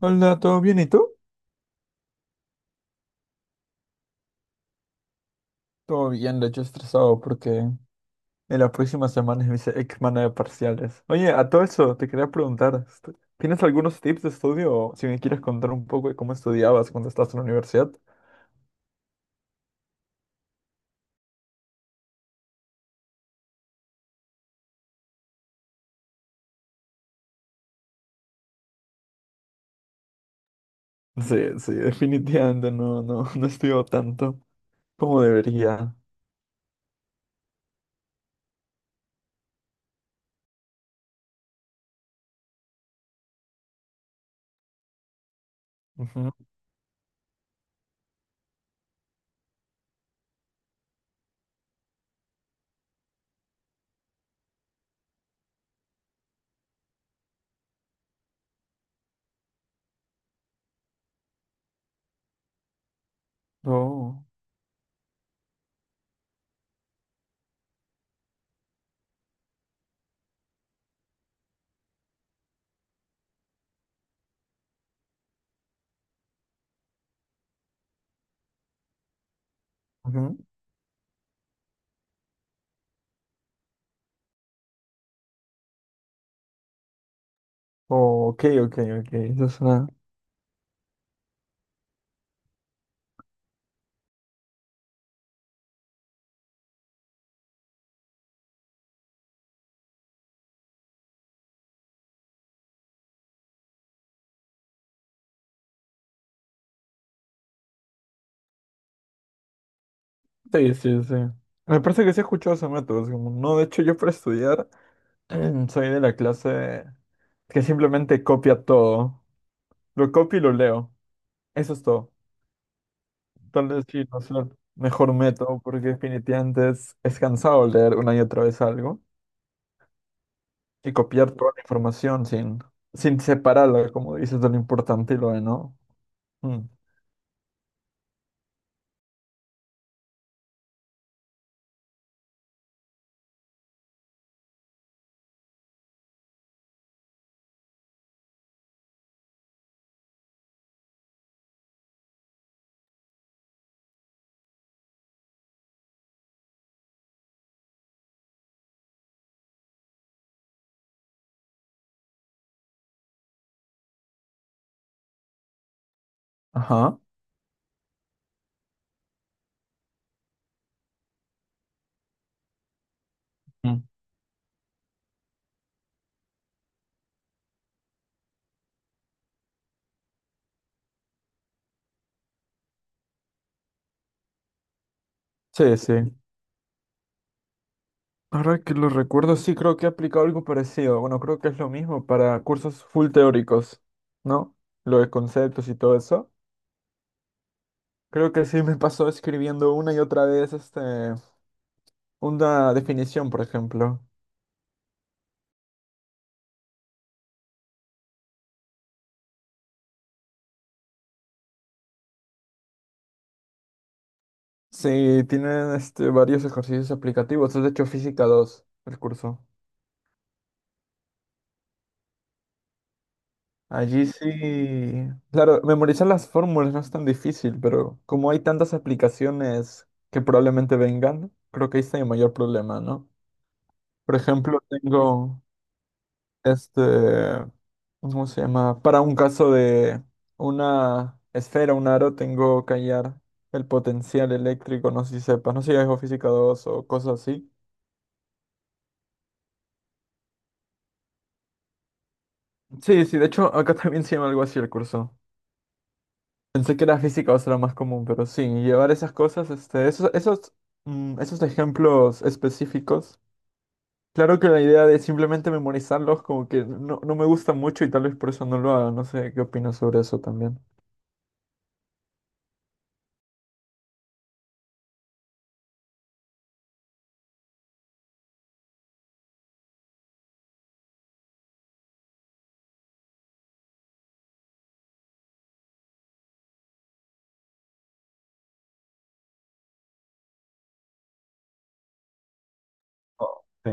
Hola, ¿todo bien? ¿Y tú? Todo bien, de hecho estresado porque en la próxima semana es mi semana de parciales. Oye, a todo eso te quería preguntar, ¿tienes algunos tips de estudio o si me quieres contar un poco de cómo estudiabas cuando estabas en la universidad? Sí, sí, definitivamente no estudio tanto como debería. Ujú. Oh, ujú. Oh, ok, ok, ok. Eso suena. Sí, sí, sí. Me parece que sí he escuchado ese método. Es como, no, de hecho yo para estudiar soy de la clase que simplemente copia todo. Lo copio y lo leo. Eso es todo. Tal vez sí, no sea el mejor método porque definitivamente es cansado leer una y otra vez algo y copiar toda la información sin, separarla, como dices, de lo importante y lo de no. Mm. Ajá. Mm. Sí, sí. Ahora que lo recuerdo, sí creo que he aplicado algo parecido. Bueno, creo que es lo mismo para cursos full teóricos, ¿no? Lo de conceptos y todo eso. Creo que sí me pasó escribiendo una y otra vez una definición, por ejemplo. Sí, tienen varios ejercicios aplicativos. Es de hecho física 2 el curso. Allí sí. Claro, memorizar las fórmulas no es tan difícil, pero como hay tantas aplicaciones que probablemente vengan, creo que ahí está mi mayor problema, ¿no? Por ejemplo, tengo. este, ¿Cómo se llama? Para un caso de una esfera, un aro, tengo que hallar el potencial eléctrico, no sé si sepas, no sé si es o física 2 o cosas así. Sí, sí, de hecho acá también se llama algo así el curso. Pensé que era física 2 era más común, pero sí, llevar esas cosas, esos ejemplos específicos. Claro que la idea de simplemente memorizarlos como que no, no me gusta mucho y tal vez por eso no lo haga. No sé qué opinas sobre eso también. Oh, sí.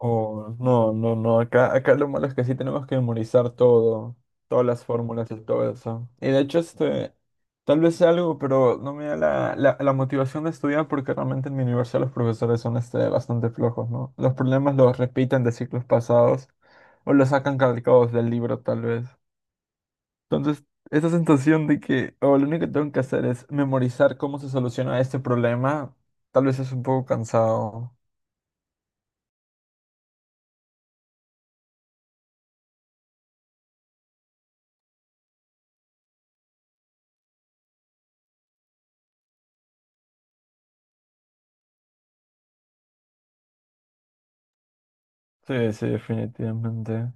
Oh, no, no, no. Acá lo malo es que sí tenemos que memorizar todo, todas las fórmulas y todo eso. Y de hecho, tal vez sea algo, pero no me da la motivación de estudiar porque realmente en mi universidad los profesores son bastante flojos, ¿no? Los problemas los repiten de ciclos pasados o los sacan calcados del libro, tal vez. Entonces, esa sensación de que, oh, lo único que tengo que hacer es memorizar cómo se soluciona este problema, tal vez es un poco cansado. Sí, sí, definitivamente.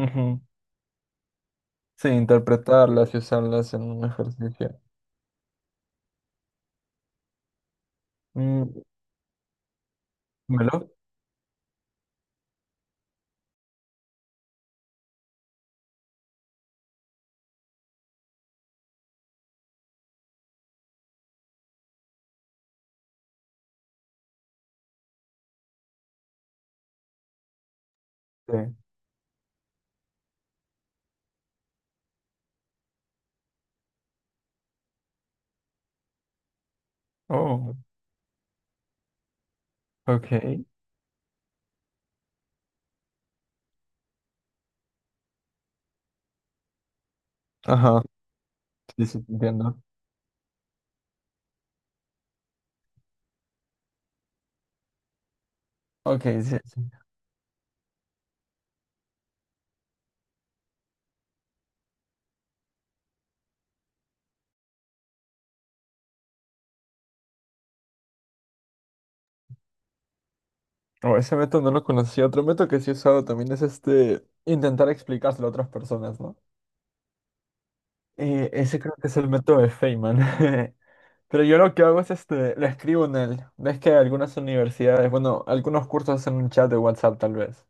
Ujú. Sí, interpretarlas y usarlas en un ejercicio. Mm, ¿me lo? Sí. Oh, ok. Ajá, sí, sí, te entiendo. Ok, sí, sí. Oh, ese método no lo conocía. Otro método que sí he usado también es intentar explicárselo a otras personas, ¿no? Ese creo que es el método de Feynman. Pero yo lo que hago es lo escribo en el. Ves que algunas universidades, bueno, algunos cursos hacen un chat de WhatsApp tal vez.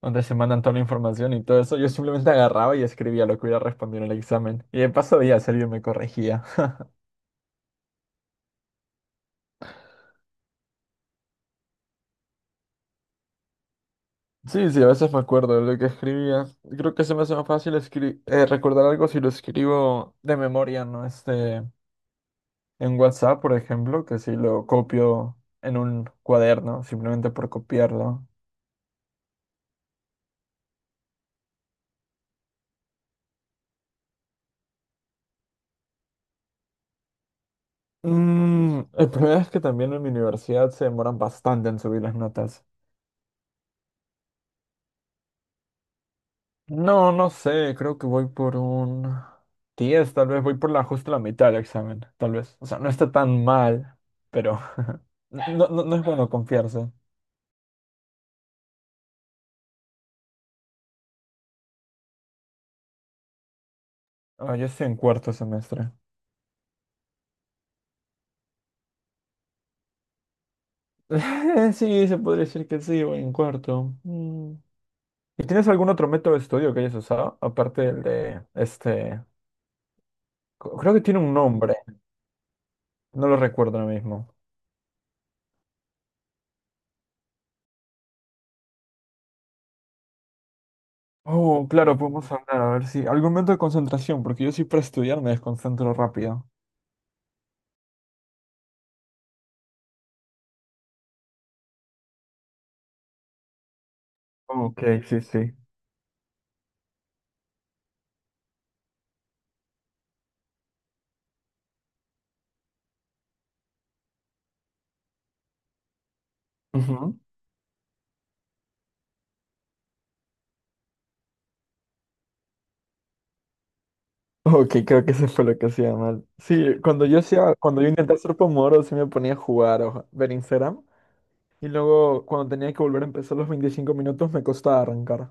Donde se mandan toda la información y todo eso, yo simplemente agarraba y escribía lo que hubiera respondido en el examen. Y de paso días alguien me corregía. Sí, sí, a veces me acuerdo de lo que escribía. Creo que se me hace más fácil recordar algo si lo escribo de memoria, ¿no? En WhatsApp, por ejemplo, que si lo copio en un cuaderno, simplemente por copiarlo. Mm, el problema es que también en mi universidad se demoran bastante en subir las notas. No, no sé, creo que voy por un 10, tal vez voy por la justo la mitad del examen, tal vez. O sea, no está tan mal, pero no es bueno confiarse. Ah, yo estoy en cuarto semestre. Sí, se podría decir que sí, voy en cuarto. Mm. ¿Y tienes algún otro método de estudio que hayas usado? Aparte del de creo que tiene un nombre, no lo recuerdo ahora mismo. Oh, claro, podemos hablar, a ver si algún método de concentración, porque yo sí para estudiar me desconcentro rápido. Ok, sí, sí. Ok, creo que eso fue lo que hacía mal. Sí, cuando yo intentaba hacer Pomodoro, sí me ponía a jugar o ver Instagram. Y luego, cuando tenía que volver a empezar los 25 minutos, me costaba arrancar.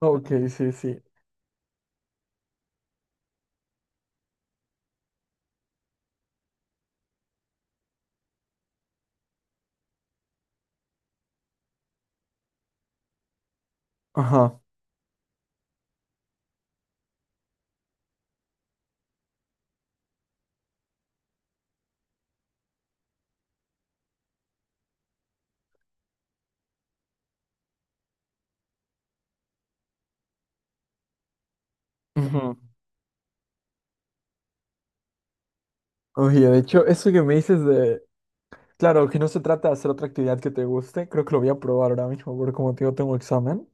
Ok, sí, sí. Ajá. Ujú. Oye, de hecho, eso que me dices de... Claro, que no se trata de hacer otra actividad que te guste. Creo que lo voy a probar ahora mismo, porque como te digo, tengo examen.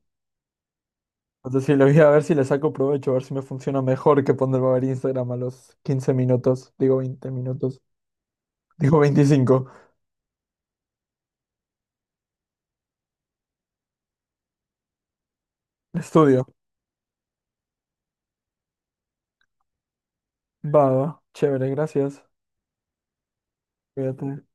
Entonces, sí, lo voy a ver si le saco provecho, a ver si me funciona mejor que ponerme a ver Instagram a los 15 minutos. Digo 20 minutos. Digo 25. Estudio. Va, va. Chévere, gracias. Cuídate.